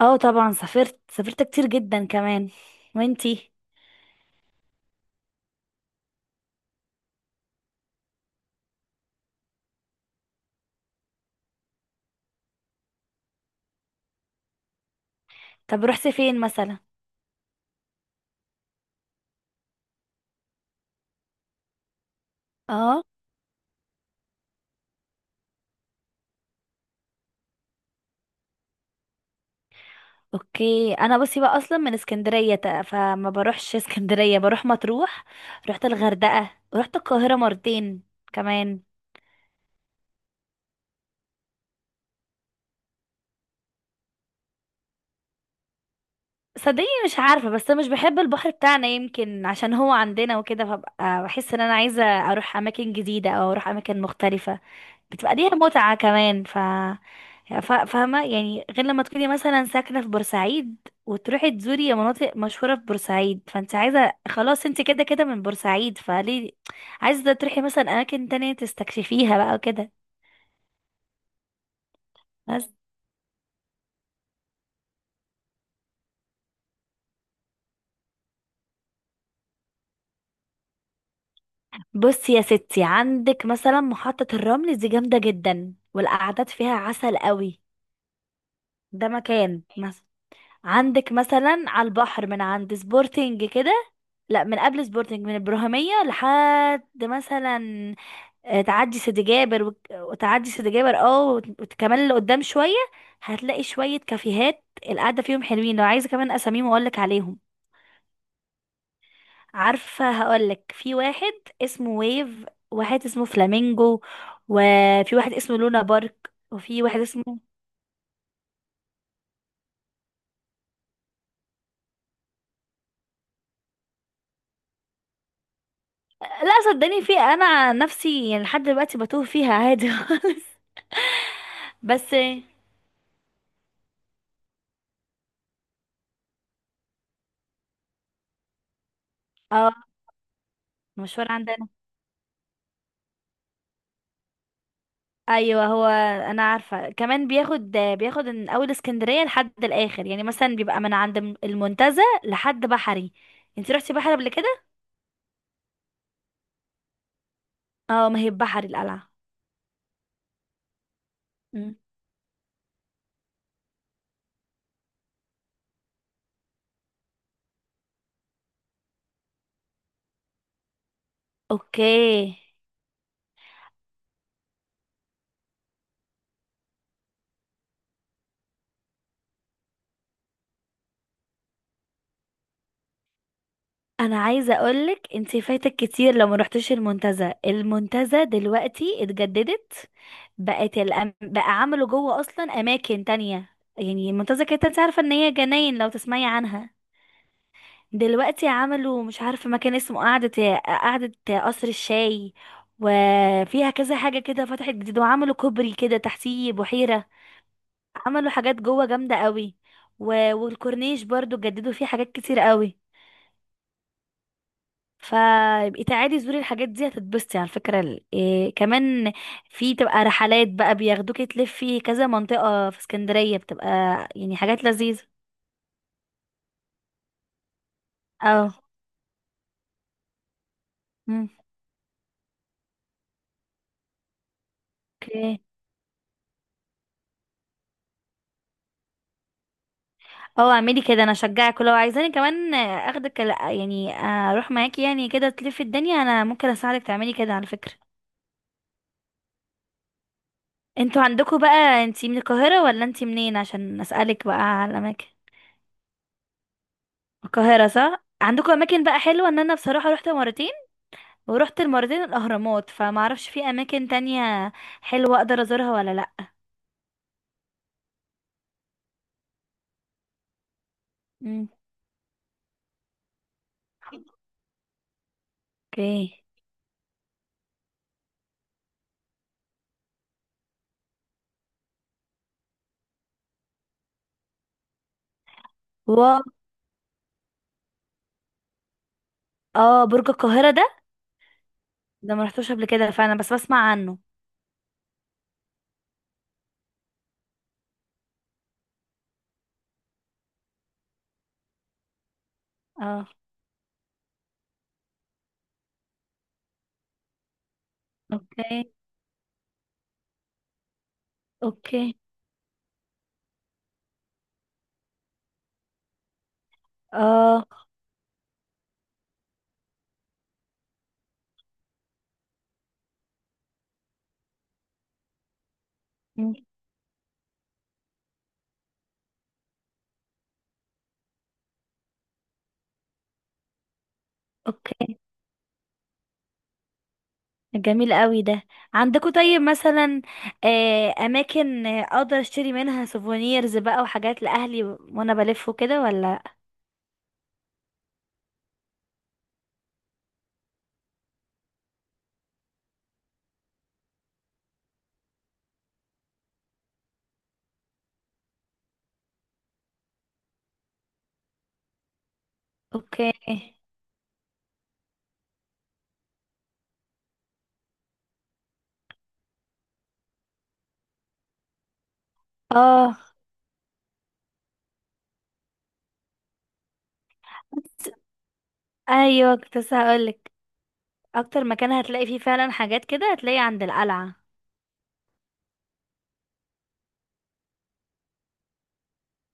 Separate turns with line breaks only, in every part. اه، طبعا سافرت كتير جدا كمان. وانتي؟ طب رحتي فين مثلا؟ اه، اوكي. انا بصي بقى اصلا من اسكندريه، فما بروحش اسكندريه، بروح مطروح. رحت الغردقه ورحت القاهره مرتين كمان. صدقيني مش عارفه، بس مش بحب البحر بتاعنا، يمكن عشان هو عندنا وكده، فببقى بحس ان انا عايزه اروح اماكن جديده او اروح اماكن مختلفه. بتبقى ليها متعه كمان. فاهمة يعني، غير لما تكوني مثلا ساكنة في بورسعيد وتروحي تزوري مناطق مشهورة في بورسعيد، فانت عايزة خلاص، انت كده كده من بورسعيد، فليه عايزة تروحي مثلا أماكن تانية تستكشفيها بقى وكده. بس بصي يا ستي، عندك مثلا محطة الرمل دي جامدة جدا، والقعدات فيها عسل قوي. ده مكان مثلا. عندك مثلا على البحر من عند سبورتنج كده، لا، من قبل سبورتنج، من البرهمية لحد مثلا. تعدي سيدي جابر وتعدي سيدي جابر، اه، كمان لقدام شوية، هتلاقي شوية كافيهات، القعدة فيهم حلوين. لو عايزة كمان أساميهم أقولك عليهم. عارفة، هقولك في واحد اسمه ويف، واحد اسمه فلامينجو، وفي واحد اسمه لونا بارك، وفي واحد اسمه... لا صدقني، في انا عن نفسي يعني لحد دلوقتي بتوه فيها عادي خالص. بس اه، المشوار عندنا، ايوه هو. انا عارفه، كمان بياخد من اول اسكندريه لحد الاخر، يعني مثلا بيبقى من عند المنتزه لحد بحري. انت رحتي بحري قبل كده؟ اه، ما هي بحري القلعه. مم. اوكي. انا عايزه اقولك انت فايتك كتير لو ما رحتيش المنتزه. المنتزه دلوقتي اتجددت، بقى عملوا جوه اصلا اماكن تانية. يعني المنتزه كانت، انت عارفه ان هي جناين لو تسمعي عنها، دلوقتي عملوا مش عارفة مكان اسمه قعدة قعدة، قصر الشاي، وفيها كذا حاجة كده فتحت جديد، وعملوا كوبري كده تحتيه بحيرة. عملوا حاجات جوه جامدة قوي و... والكورنيش برضو جددوا فيه حاجات كتير قوي. فيبقي تعالي زوري الحاجات دي، هتتبسطي على فكرة. إيه كمان، في تبقى رحلات بقى، بياخدوكي تلفي كذا منطقة في اسكندرية، بتبقى يعني حاجات لذيذة. اه. مم. اوكي. اه، اعملي كده، انا اشجعك. ولو عايزاني كمان اخدك، لا يعني، اروح معاكي يعني، كده تلفي الدنيا، انا ممكن اساعدك تعملي كده على فكرة. انتوا عندكوا بقى، انتي من القاهرة ولا انتي منين، عشان اسألك بقى على الاماكن؟ القاهرة، صح. عندكوا اماكن بقى حلوة؟ ان انا بصراحة رحت مرتين، ورحت المرتين الاهرامات، فمعرفش في اماكن تانية حلوة اقدر ازورها ولا لا. مم، اوكي. واو. اه، برج القاهرة ده؟ ده ما رحتوش قبل كده، فانا بس بسمع عنه. اه. اوكي. اوكي. اه. اوكي. جميل قوي ده. عندكم طيب مثلا اماكن اقدر اشتري منها سوفونيرز بقى، وحاجات لاهلي وانا بلف وكده، ولا؟ اوكي. اه. ايوه، كنت لسه هقولك، اكتر مكان هتلاقي فيه فعلا حاجات كده هتلاقي عند القلعه.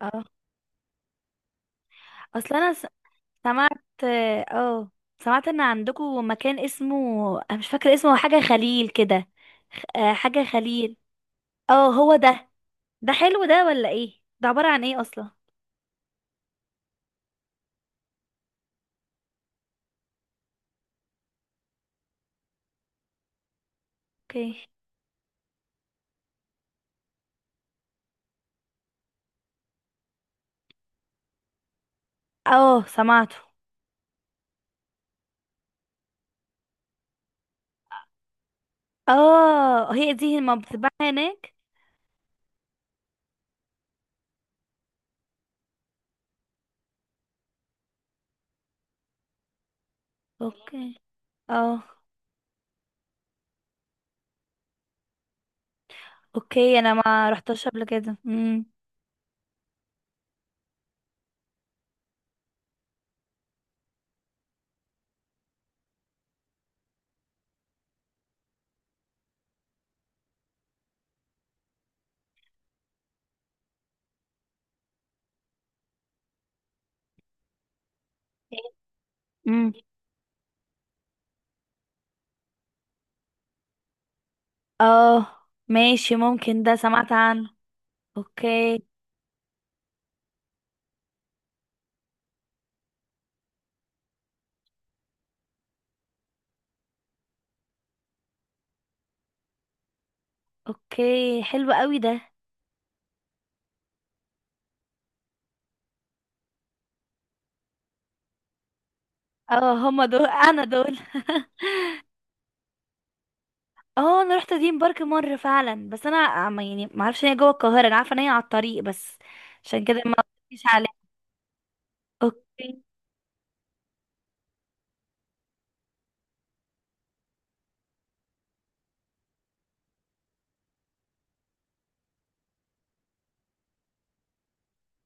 اه. اصلا انا سمعت، اه آه، سمعت ان عندكم مكان اسمه، انا مش فاكره اسمه، حاجه خليل كده، حاجه خليل. اه، هو ده. ده حلو ده، ولا ايه؟ ده عباره عن ايه اصلا؟ اوكي. اه سمعته. اه، هي دي ما بتتباع هناك. اوكي. اه. اوكي، انا ما رحتش قبل كده. امم. اه. ماشي، ممكن ده سمعت عنه. اوكي. اوكي، حلو قوي ده. اه، هما دول، انا دول اه، انا رحت دريم بارك مره فعلا، بس انا يعني ما اعرفش ان هي جوه القاهره، انا عارفه ان هي على الطريق بس. عشان كده ما قلتليش عليه. اوكي.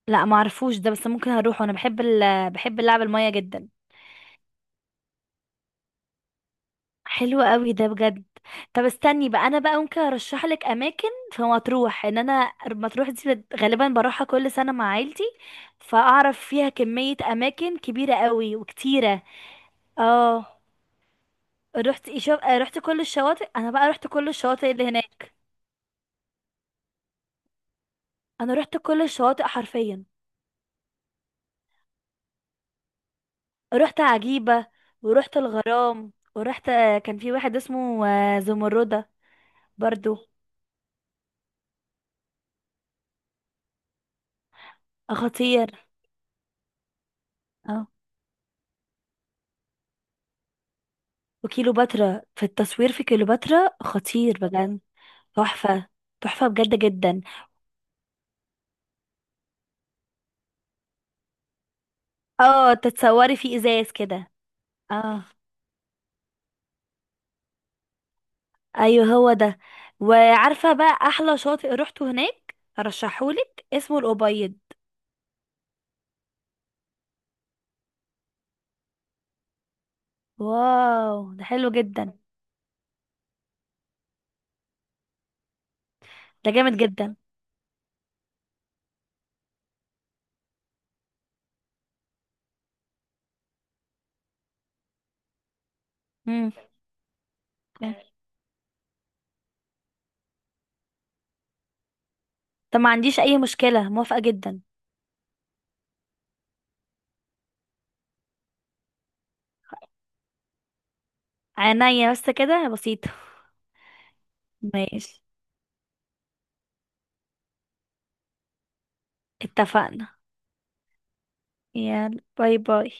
لا، ما اعرفوش ده، بس ممكن هروح، وانا بحب بحب اللعب الميه جدا. حلو قوي ده بجد. طب استني بقى، انا بقى ممكن ارشح لك اماكن في مطروح، ان انا مطروح دي غالبا بروحها كل سنه مع عيلتي، فاعرف فيها كميه اماكن كبيره قوي وكتيره. اه. رحت إيه شو... آه، رحت كل الشواطئ، انا بقى رحت كل الشواطئ اللي هناك. انا رحت كل الشواطئ حرفيا. رحت عجيبه، ورحت الغرام، ورحت كان في واحد اسمه زمردة. برضو. خطير. وكيلوباترا، في التصوير في كيلوباترا خطير بجد. تحفة. تحفة بجد جدا. اه، تتصوري في ازاز كده. اه، ايوه هو ده. وعارفة بقى احلى شاطئ روحته هناك، ارشحهولك، اسمه الأبيض. واو، ده حلو جدا. ده جامد جدا. امم. طب ما عنديش اي مشكلة، موافقة جدا. عينيا، بس كده بسيطة. ماشي. اتفقنا. يلا، باي باي.